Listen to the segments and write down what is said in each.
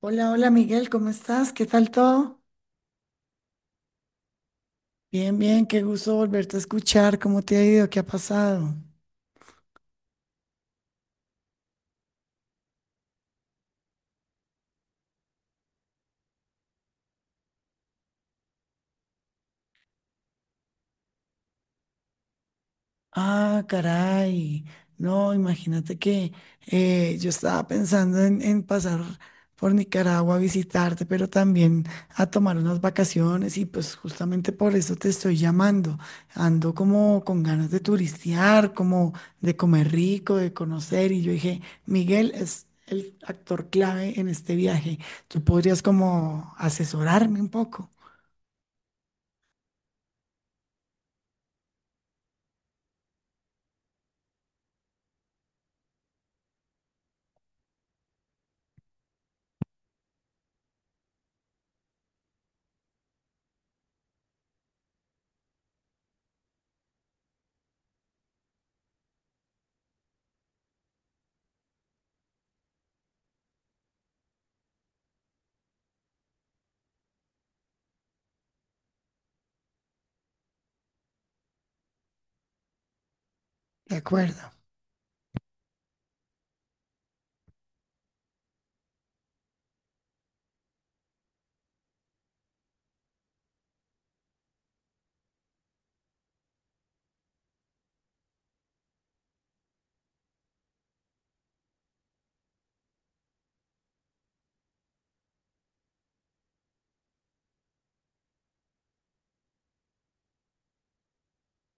Hola, hola Miguel, ¿cómo estás? ¿Qué tal todo? Bien, bien, qué gusto volverte a escuchar. ¿Cómo te ha ido? ¿Qué ha pasado? Ah, caray. No, imagínate que yo estaba pensando en pasar por Nicaragua a visitarte, pero también a tomar unas vacaciones y pues justamente por eso te estoy llamando. Ando como con ganas de turistear, como de comer rico, de conocer y yo dije, Miguel es el actor clave en este viaje. Tú podrías como asesorarme un poco. De acuerdo.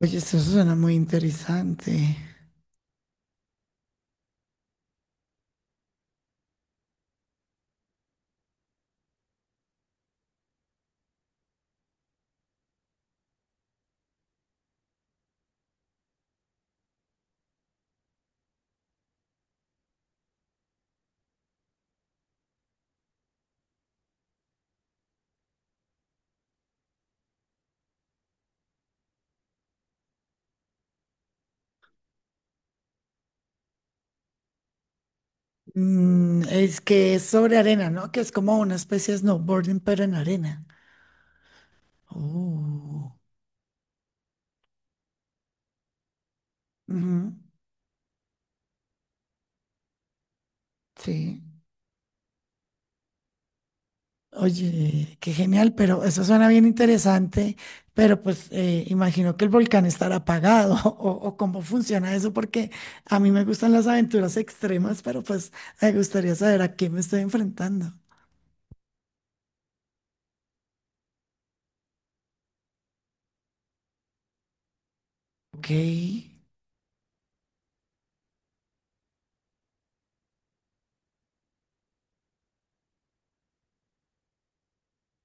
Oye, eso suena muy interesante. Mm, es que es sobre arena, ¿no? Que es como una especie de snowboarding, pero en arena. Oh, ujú, sí. Oye, qué genial, pero eso suena bien interesante, pero pues imagino que el volcán estará apagado o cómo funciona eso, porque a mí me gustan las aventuras extremas, pero pues me gustaría saber a qué me estoy enfrentando. Ok.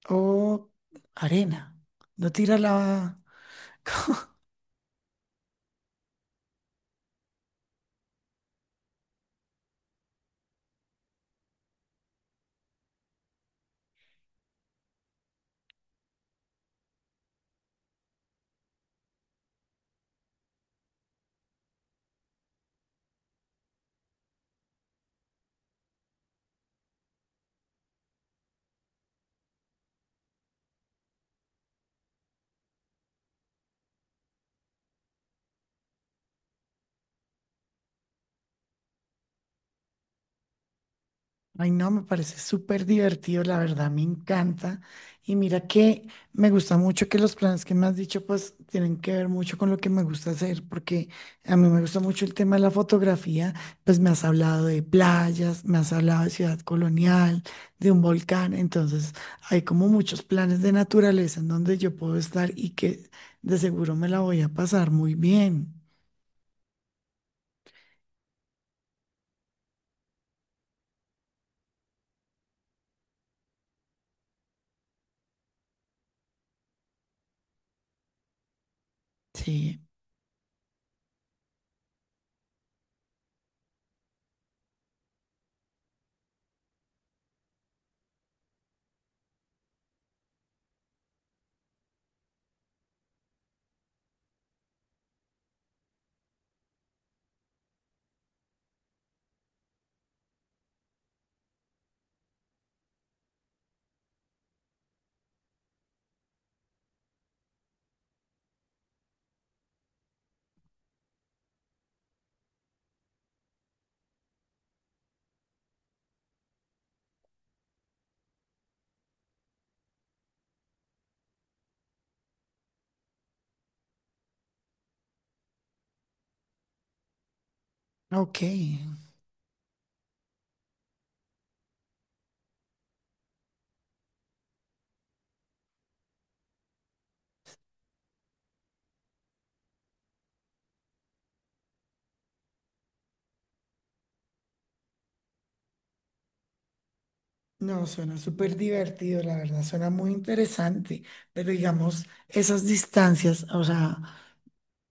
O arena. No tira la... Ay, no, me parece súper divertido, la verdad, me encanta. Y mira que me gusta mucho que los planes que me has dicho, pues, tienen que ver mucho con lo que me gusta hacer, porque a mí me gusta mucho el tema de la fotografía, pues me has hablado de playas, me has hablado de ciudad colonial, de un volcán, entonces hay como muchos planes de naturaleza en donde yo puedo estar y que de seguro me la voy a pasar muy bien. Sí, ok. No, suena súper divertido, la verdad, suena muy interesante, pero digamos, esas distancias, o sea,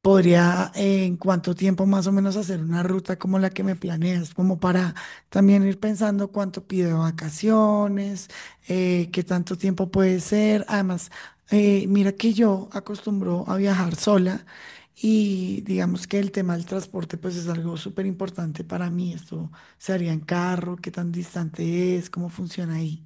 podría en cuánto tiempo más o menos hacer una ruta como la que me planeas, como para también ir pensando cuánto pido de vacaciones, qué tanto tiempo puede ser. Además, mira que yo acostumbro a viajar sola y digamos que el tema del transporte pues es algo súper importante para mí. Esto se haría en carro, qué tan distante es, cómo funciona ahí.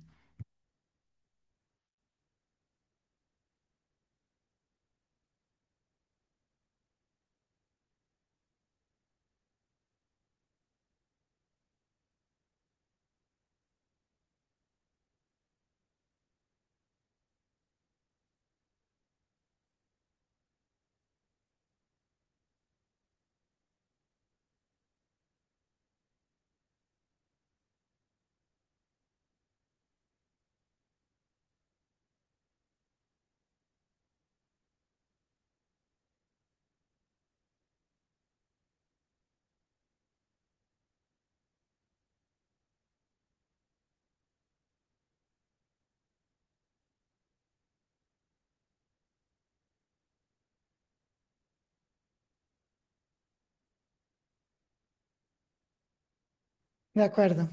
De acuerdo.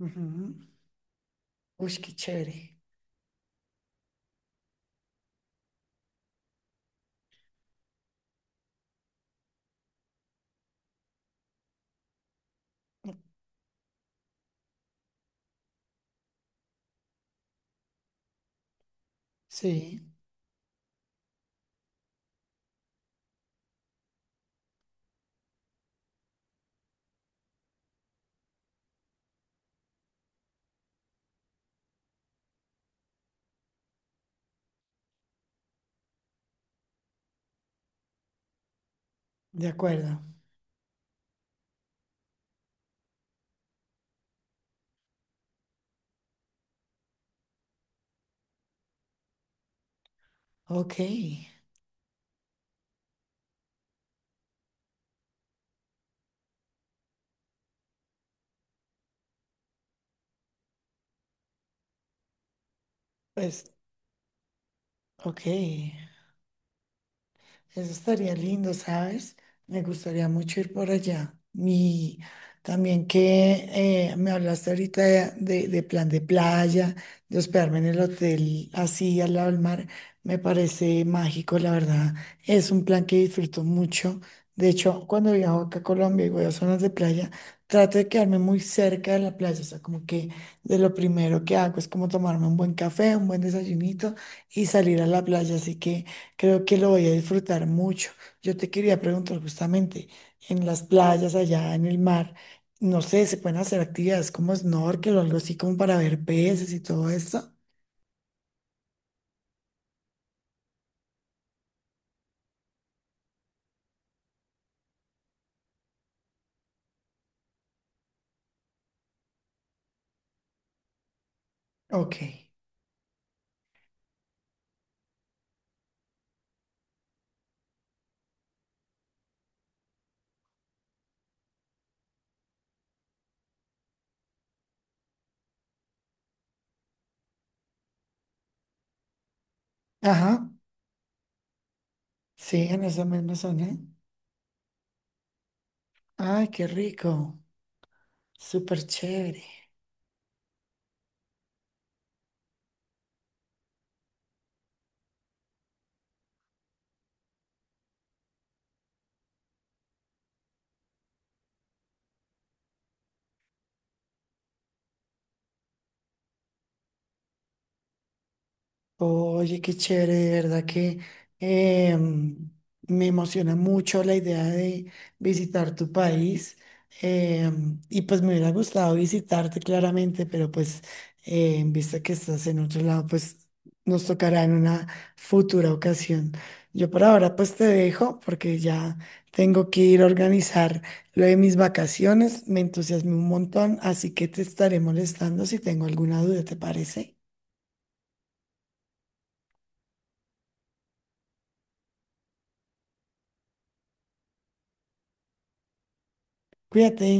Ujú. Uy, qué chévere. Sí, de acuerdo. Ok, pues, ok. Eso estaría lindo, ¿sabes? Me gustaría mucho ir por allá. Y también que me hablaste ahorita de plan de playa, de hospedarme en el hotel así al lado del mar, me parece mágico, la verdad. Es un plan que disfruto mucho. De hecho, cuando viajo acá a Colombia y voy a zonas de playa, trato de quedarme muy cerca de la playa. O sea, como que de lo primero que hago es como tomarme un buen café, un buen desayunito y salir a la playa. Así que... Creo que lo voy a disfrutar mucho. Yo te quería preguntar justamente, en las playas allá en el mar, no sé, ¿se pueden hacer actividades como snorkel o algo así como para ver peces y todo eso? Ok. Ajá. Sí, en esa misma zona. Ay, qué rico. Súper chévere. Oye, qué chévere, de verdad que em, me emociona mucho la idea de visitar tu país. Y pues me hubiera gustado visitarte claramente, pero pues en vista que estás en otro lado, pues nos tocará en una futura ocasión. Yo por ahora pues te dejo porque ya tengo que ir a organizar lo de mis vacaciones. Me entusiasmé un montón, así que te estaré molestando si tengo alguna duda, ¿te parece? Cuídate.